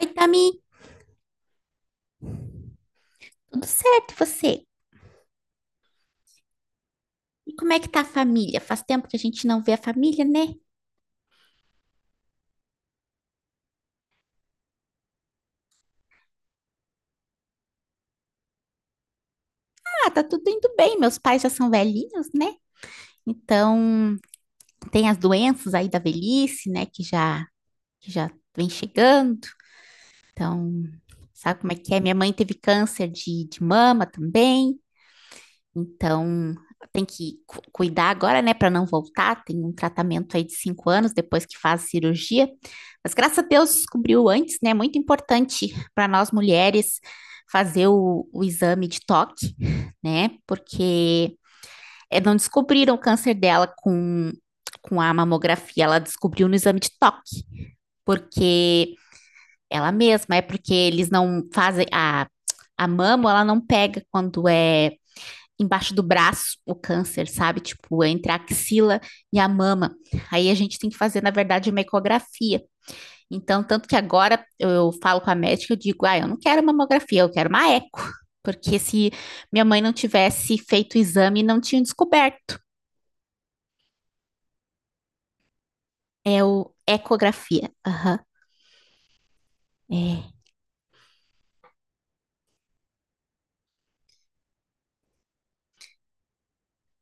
Oi, Tami, tudo certo e você? E como é que tá a família? Faz tempo que a gente não vê a família, né? Ah, tá tudo indo bem, meus pais já são velhinhos, né? Então, tem as doenças aí da velhice, né, que já vem chegando. Então, sabe como é que é? Minha mãe teve câncer de mama também. Então, tem que cuidar agora, né, para não voltar. Tem um tratamento aí de 5 anos depois que faz a cirurgia. Mas graças a Deus descobriu antes, né? É muito importante para nós mulheres fazer o exame de toque, né? Porque é, não descobriram o câncer dela com a mamografia, ela descobriu no exame de toque, porque ela mesma, é porque eles não fazem a mama, ela não pega quando é embaixo do braço o câncer, sabe? Tipo, entre a axila e a mama. Aí a gente tem que fazer, na verdade, uma ecografia. Então, tanto que agora eu falo com a médica, eu digo, ah, eu não quero mamografia, eu quero uma eco. Porque se minha mãe não tivesse feito o exame, não tinha descoberto. É o ecografia. Aham, uhum. É.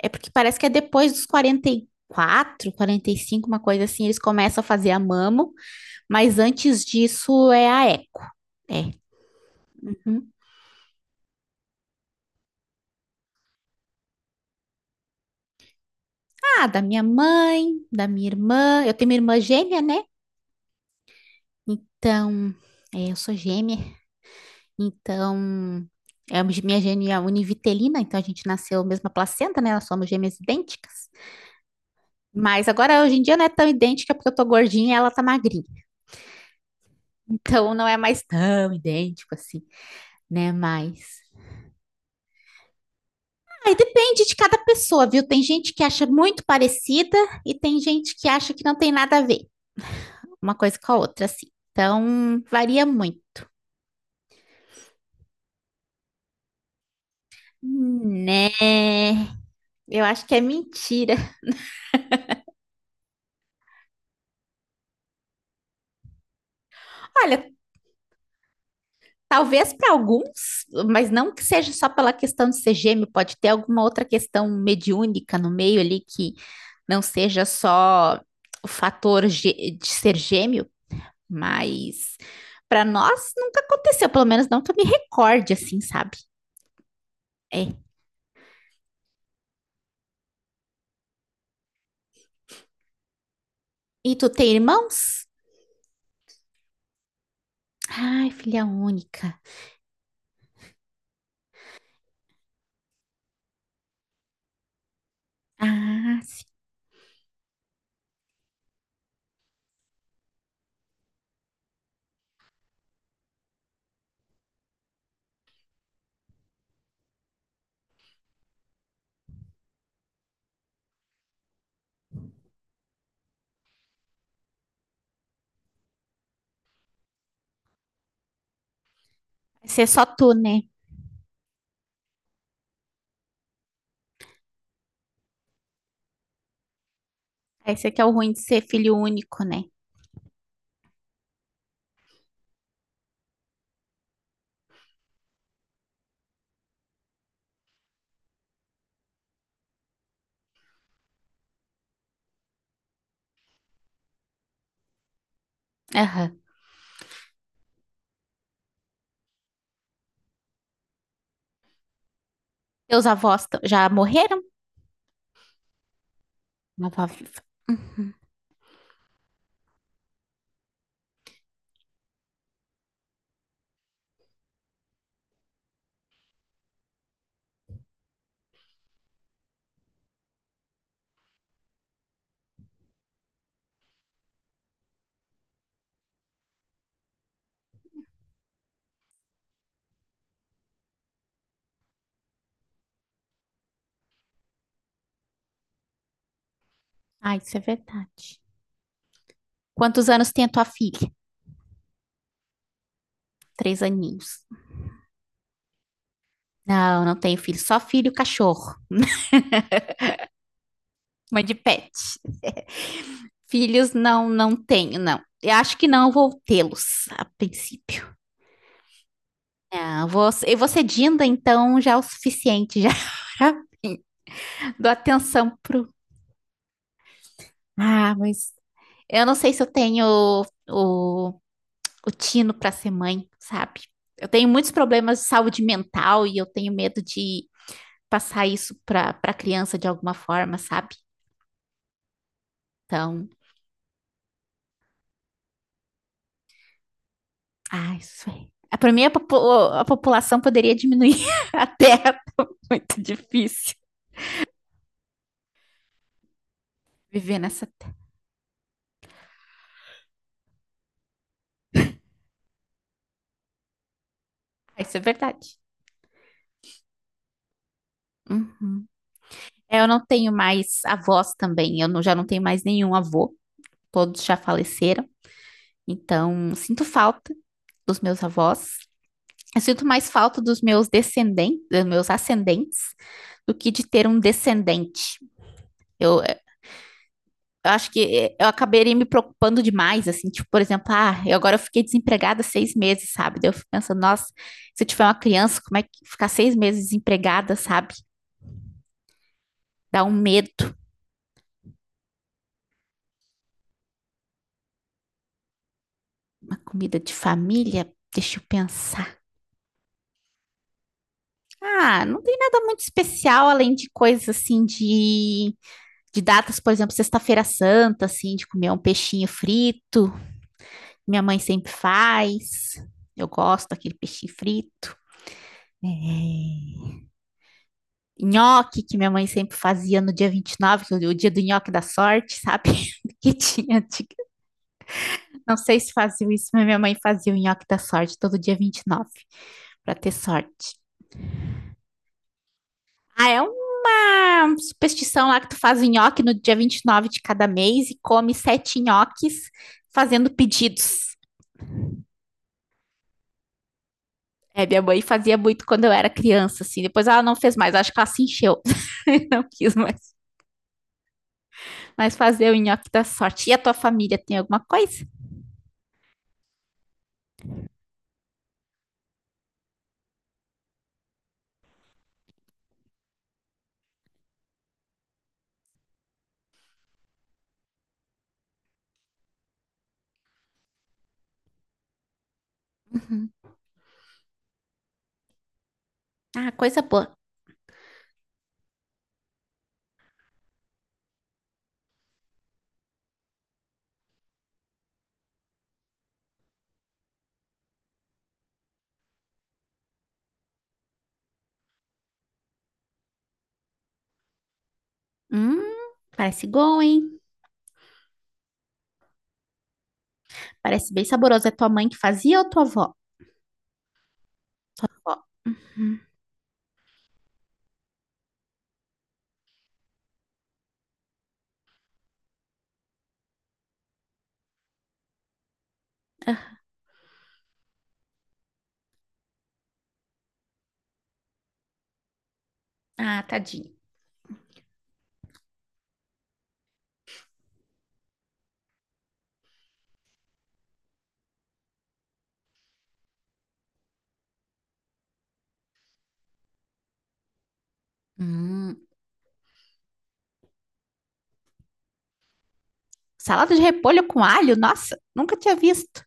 É porque parece que é depois dos 44 45 uma coisa assim, eles começam a fazer a mamo, mas antes disso é a eco. É. Uhum. Ah, da minha mãe, da minha irmã. Eu tenho uma irmã gêmea, né? Então, é, eu sou gêmea. Então, é, a minha gêmea é univitelina, então a gente nasceu mesma placenta, né? Nós somos gêmeas idênticas. Mas agora, hoje em dia, não é tão idêntica porque eu tô gordinha e ela tá magrinha. Então, não é mais tão idêntico assim, né? Mas. Aí depende de cada pessoa, viu? Tem gente que acha muito parecida e tem gente que acha que não tem nada a ver uma coisa com a outra, assim. Então, varia muito. Né? Eu acho que é mentira. Olha, talvez para alguns, mas não que seja só pela questão de ser gêmeo, pode ter alguma outra questão mediúnica no meio ali que não seja só o de ser gêmeo, mas para nós nunca aconteceu, pelo menos não que eu me recorde assim, sabe? É. E tu tem irmãos? Ai, filha única. Ah, sim. Vai ser só tu, né? Esse aqui é o ruim de ser filho único, né? Aham. Teus já morreram? Uma avó viva. Ah, isso é verdade. Quantos anos tem a tua filha? Três aninhos. Não, não tenho filho. Só filho e cachorro. Mãe de pet. Filhos não, não tenho, não. Eu acho que não vou tê-los a princípio. Não, vou, eu vou ser Dinda, então já é o suficiente. Já dou atenção pro. Ah, mas eu não sei se eu tenho o tino para ser mãe, sabe? Eu tenho muitos problemas de saúde mental e eu tenho medo de passar isso para criança de alguma forma, sabe? Então, ah, isso aí. Para mim, a população poderia diminuir a Terra. Muito difícil viver nessa Terra. Ah, isso é verdade. Hum. É, eu não tenho mais avós também. Eu não- Já não tenho mais nenhum avô. Todos já faleceram. Então, sinto falta dos meus avós. Eu sinto mais falta dos meus descendentes, dos meus ascendentes, do que de ter um descendente. Eu, Eu acho que eu acabaria me preocupando demais, assim, tipo, por exemplo, ah, eu agora eu fiquei desempregada 6 meses, sabe? Daí eu fico pensando, nossa, se eu tiver uma criança, como é que ficar 6 meses desempregada, sabe? Dá um medo. Uma comida de família, deixa eu pensar. Ah, não tem nada muito especial, além de coisas assim de datas, por exemplo, Sexta-feira Santa, assim, de comer um peixinho frito. Minha mãe sempre faz. Eu gosto daquele peixinho frito. É, nhoque que minha mãe sempre fazia no dia 29, que é o dia do nhoque da sorte, sabe? Que tinha, de- não sei se faziam isso, mas minha mãe fazia o nhoque da sorte todo dia 29 para ter sorte. Ah, é uma superstição lá que tu faz o nhoque no dia 29 de cada mês e come sete nhoques fazendo pedidos. É, minha mãe fazia muito quando eu era criança, assim. Depois ela não fez mais, acho que ela se encheu, não quis mais. Mas fazer o nhoque da sorte. E a tua família tem alguma coisa? Uhum. Ah, coisa boa. Hum, parece bom, hein? Parece bem saboroso. É tua mãe que fazia ou tua avó? Ó. Hum. Ah, tadinho. Hum, salada de repolho com alho? Nossa, nunca tinha visto.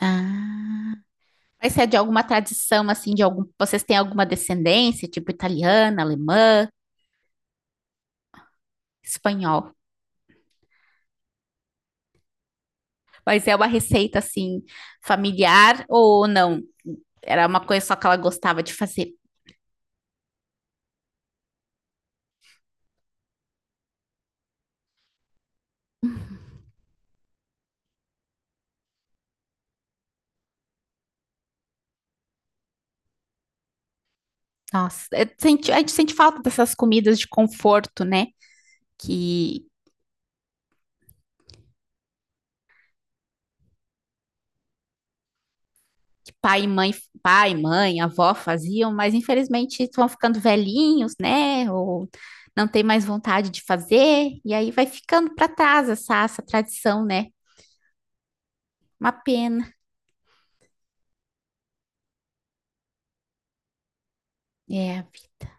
Ah, mas é de alguma tradição, assim, de algum... Vocês têm alguma descendência, tipo italiana, alemã, espanhol? Mas é uma receita, assim, familiar ou não? Era uma coisa só que ela gostava de fazer. Nossa, a gente sente falta dessas comidas de conforto, né? Que, pai e mãe, pai, mãe, avó faziam, mas infelizmente estão ficando velhinhos, né? Ou não tem mais vontade de fazer, e aí vai ficando para trás essa tradição, né? Uma pena. É,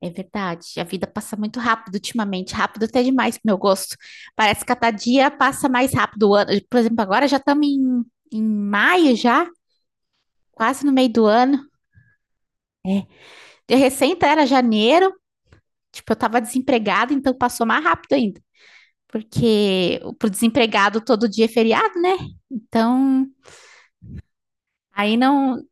é verdade. A vida passa muito rápido ultimamente, rápido até demais pro meu gosto. Parece que cada dia passa mais rápido o ano. Por exemplo, agora já estamos em maio já, quase no meio do ano. De recente era janeiro, tipo, eu estava desempregada, então passou mais rápido ainda. Porque pro desempregado todo dia é feriado, né? Então, aí não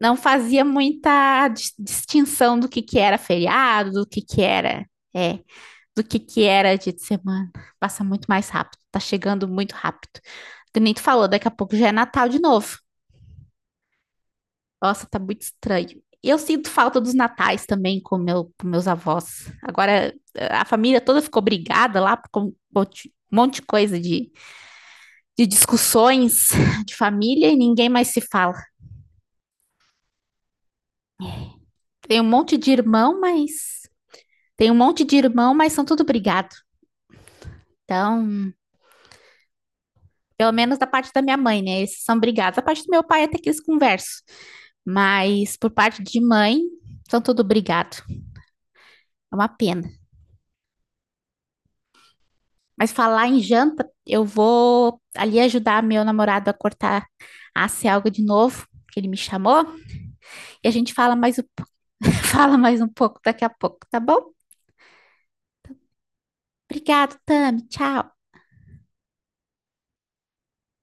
não fazia muita distinção do que era feriado, do que era, é, do que era dia de semana. Passa muito mais rápido, tá chegando muito rápido. Que nem tu falou, daqui a pouco já é Natal de novo. Nossa, tá muito estranho. E eu sinto falta dos natais também com meus avós. Agora, a família toda ficou brigada lá por um monte de coisa de discussões de família e ninguém mais se fala. Tem um monte de irmão, mas Tem um monte de irmão, mas são tudo brigado. Então, pelo menos da parte da minha mãe, né? Esses são brigados. Da parte do meu pai até que eles conversam, mas por parte de mãe, são tudo brigado. É uma pena. Mas falar em janta, eu vou ali ajudar meu namorado a cortar a algo de novo, que ele me chamou, e a gente fala mais, fala mais um pouco daqui a pouco, tá bom? Obrigado, Tami. Tchau.